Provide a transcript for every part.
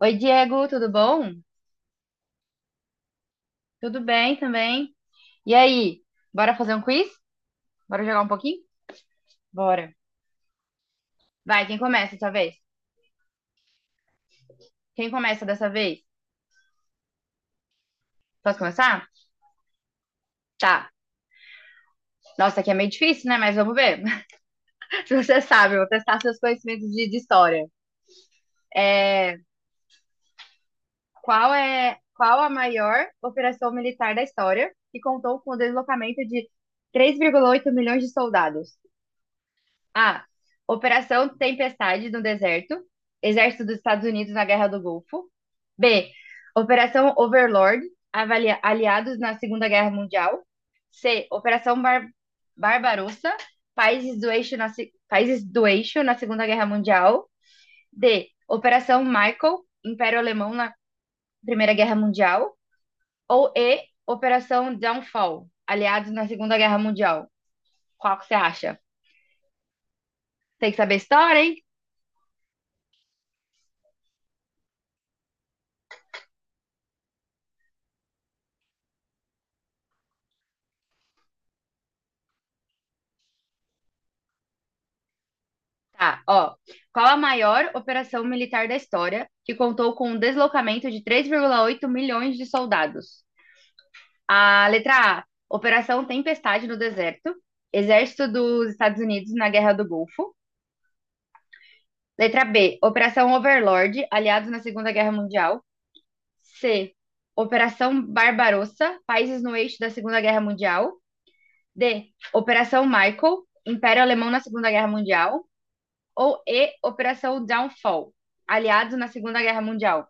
Oi, Diego, tudo bom? Tudo bem também. E aí, bora fazer um quiz? Bora jogar um pouquinho? Bora. Vai, quem começa dessa vez? Quem começa dessa vez? Posso começar? Tá. Nossa, aqui é meio difícil, né? Mas vamos ver. Se você sabe, eu vou testar seus conhecimentos de história. É, qual é, qual a maior operação militar da história que contou com o deslocamento de 3,8 milhões de soldados? A. Operação Tempestade no Deserto, Exército dos Estados Unidos na Guerra do Golfo. B. Operação Overlord, aliados na Segunda Guerra Mundial. C. Operação Bar Barbarossa, países do eixo na, se- países do eixo na Segunda Guerra Mundial. D. Operação Michael, Império Alemão na Primeira Guerra Mundial. Ou E. Operação Downfall, aliados na Segunda Guerra Mundial. Qual que você acha? Tem que saber história, hein? Tá, ó. Qual a maior operação militar da história que contou com o deslocamento de 3,8 milhões de soldados? A letra A, Operação Tempestade no Deserto, Exército dos Estados Unidos na Guerra do Golfo. Letra B, Operação Overlord, aliados na Segunda Guerra Mundial. C, Operação Barbarossa, países no eixo da Segunda Guerra Mundial. D, Operação Michael, Império Alemão na Segunda Guerra Mundial. Ou E, Operação Downfall, aliados na Segunda Guerra Mundial.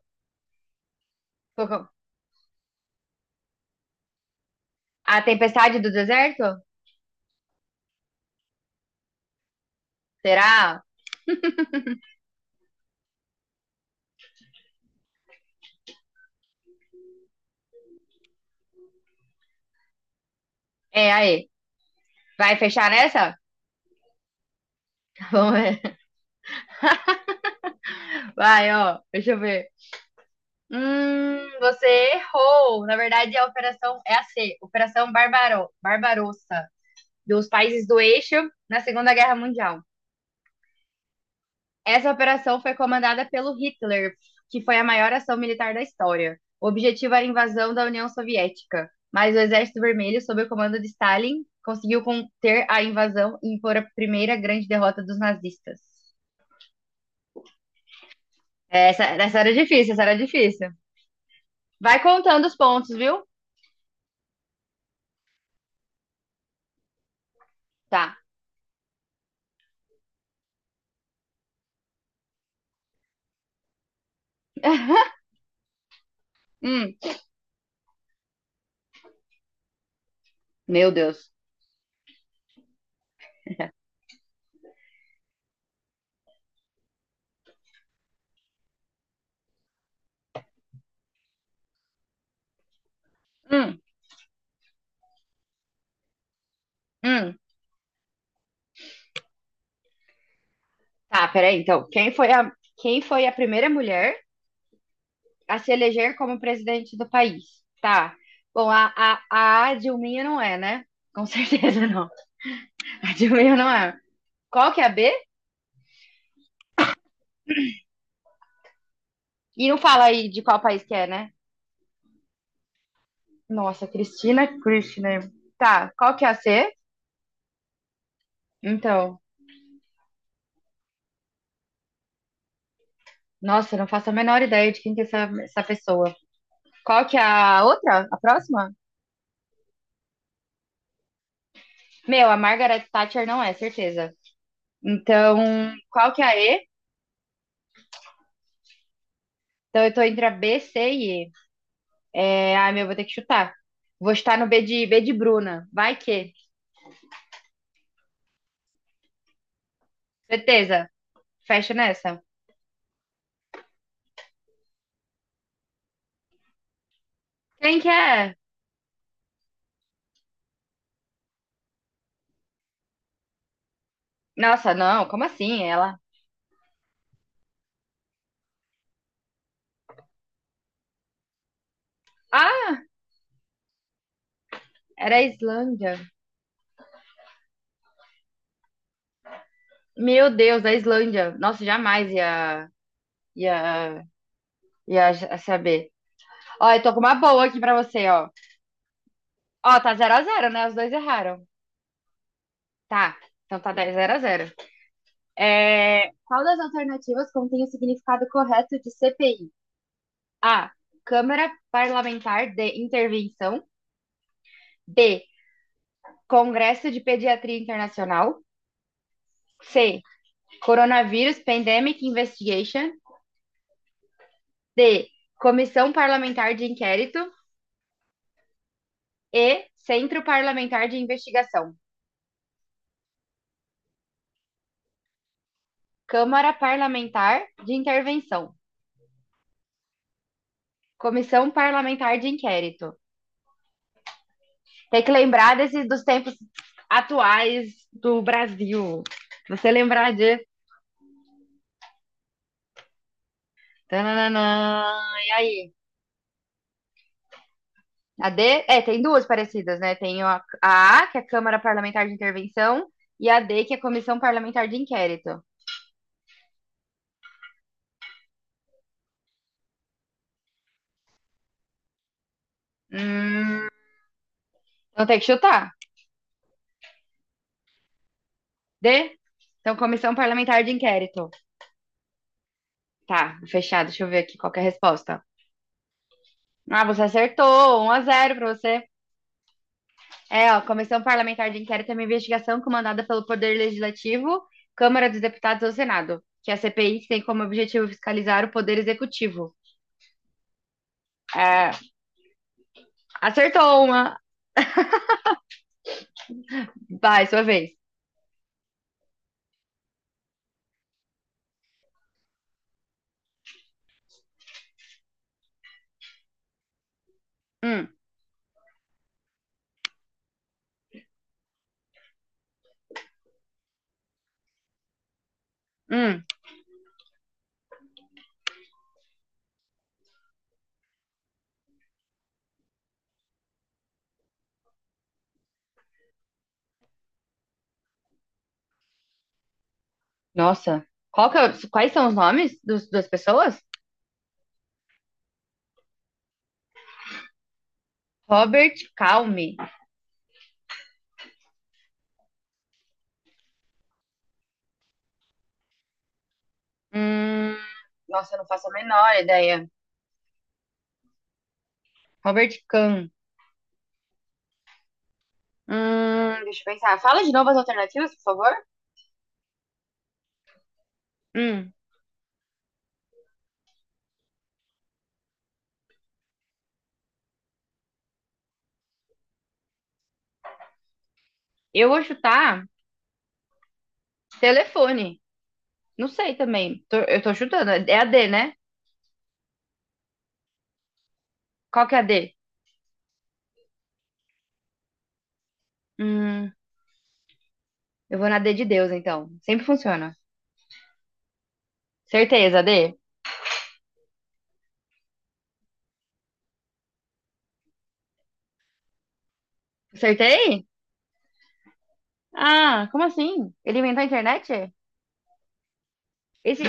A Tempestade do Deserto? Será? É, aí. Vai fechar nessa? Vamos ver. Vai, ó. Deixa eu ver. Você errou. Na verdade, a operação é a C, Barbarossa, dos países do eixo na Segunda Guerra Mundial. Essa operação foi comandada pelo Hitler, que foi a maior ação militar da história. O objetivo era a invasão da União Soviética, mas o Exército Vermelho, sob o comando de Stalin, conseguiu conter a invasão e impor a primeira grande derrota dos nazistas. É, essa era difícil, essa era difícil. Vai contando os pontos, viu? Tá. Hum, meu Deus. Hum, hum. Tá, peraí, então. Quem foi a primeira mulher a se eleger como presidente do país. Tá. Bom, a Dilminha não é, né? Com certeza não. A Dilminha não é. Qual que é a B? E não fala aí de qual país que é, né? Nossa, Cristina Kirchner. Tá, qual que é a C? Então, nossa, não faço a menor ideia de quem que é essa pessoa. Qual que é a outra? A próxima? Meu, a Margaret Thatcher não é, certeza. Então, qual que é a E? Então, eu tô entre a B, C e E. É, ai, meu, vou ter que chutar. Vou estar no B de Bruna. Vai que. Certeza. Fecha nessa. Quem que é? Nossa, não, como assim? Ela. Ah, era a Islândia. Meu Deus, a Islândia. Nossa, jamais ia, ia, saber. Ó, eu tô com uma boa aqui pra você, ó. Ó, tá 0-0, né? Os dois erraram. Tá. Então tá dez zero a zero. É, qual das alternativas contém o significado correto de CPI? A. Câmara Parlamentar de Intervenção. B. Congresso de Pediatria Internacional. C. Coronavírus Pandemic Investigation. D. Comissão Parlamentar de Inquérito. E. Centro Parlamentar de Investigação. Câmara Parlamentar de Intervenção. Comissão Parlamentar de Inquérito. Tem que lembrar desses, dos tempos atuais do Brasil. Você lembrar de. Tananana, e aí? A D, é, tem duas parecidas, né? Tem a A, que é a Câmara Parlamentar de Intervenção, e a D, que é a Comissão Parlamentar de Inquérito. Hum, então tem que chutar. D? Então, Comissão Parlamentar de Inquérito. Tá, fechado. Deixa eu ver aqui qual que é a resposta. Ah, você acertou. 1-0 para você. É, ó, Comissão Parlamentar de Inquérito é uma investigação comandada pelo Poder Legislativo, Câmara dos Deputados ou Senado, que é a CPI tem como objetivo fiscalizar o Poder Executivo. É, acertou uma. Vai, sua vez. Hum. Hum, nossa. Qual que é o- quais são os nomes das pessoas? Robert Calme. Hum, nossa, eu não faço a menor ideia. Robert Kahn. Deixa eu pensar. Fala de novo as alternativas, por favor. Hum, eu vou chutar telefone. Não sei também. Tô- eu tô chutando. É a D, né? Qual que é a D? Hum, eu vou na D de Deus, então. Sempre funciona. Certeza, D. Acertei? Ah, como assim? Ele inventou a internet? Esse...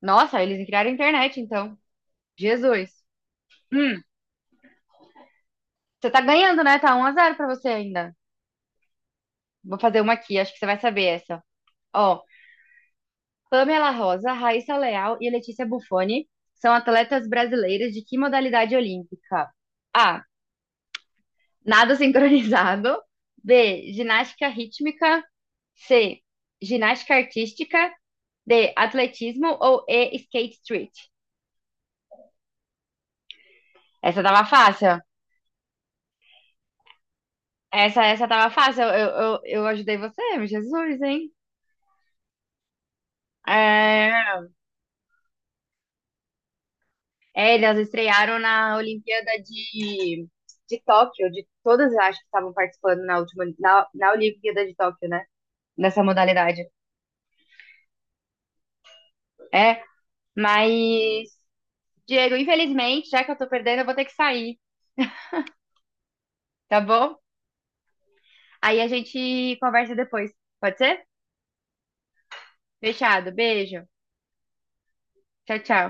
Nossa, eles criaram a internet, então. Jesus. Hum, você tá ganhando, né? Tá 1-0 pra você ainda. Vou fazer uma aqui, acho que você vai saber essa. Ó, Pamela Rosa, Raíssa Leal e Letícia Buffoni são atletas brasileiras de que modalidade olímpica? A. Nado sincronizado. B. Ginástica rítmica. C. Ginástica artística. D. Atletismo ou E. Skate street. Essa tava fácil. Essa tava fácil. Eu ajudei você, Jesus, hein? É, é, elas estrearam na Olimpíada de Tóquio, de todas eu acho que estavam participando na última, na Olimpíada de Tóquio, né? Nessa modalidade. É, mas, Diego, infelizmente, já que eu tô perdendo, eu vou ter que sair, tá bom? Aí a gente conversa depois. Pode ser? Fechado. Beijo. Tchau, tchau.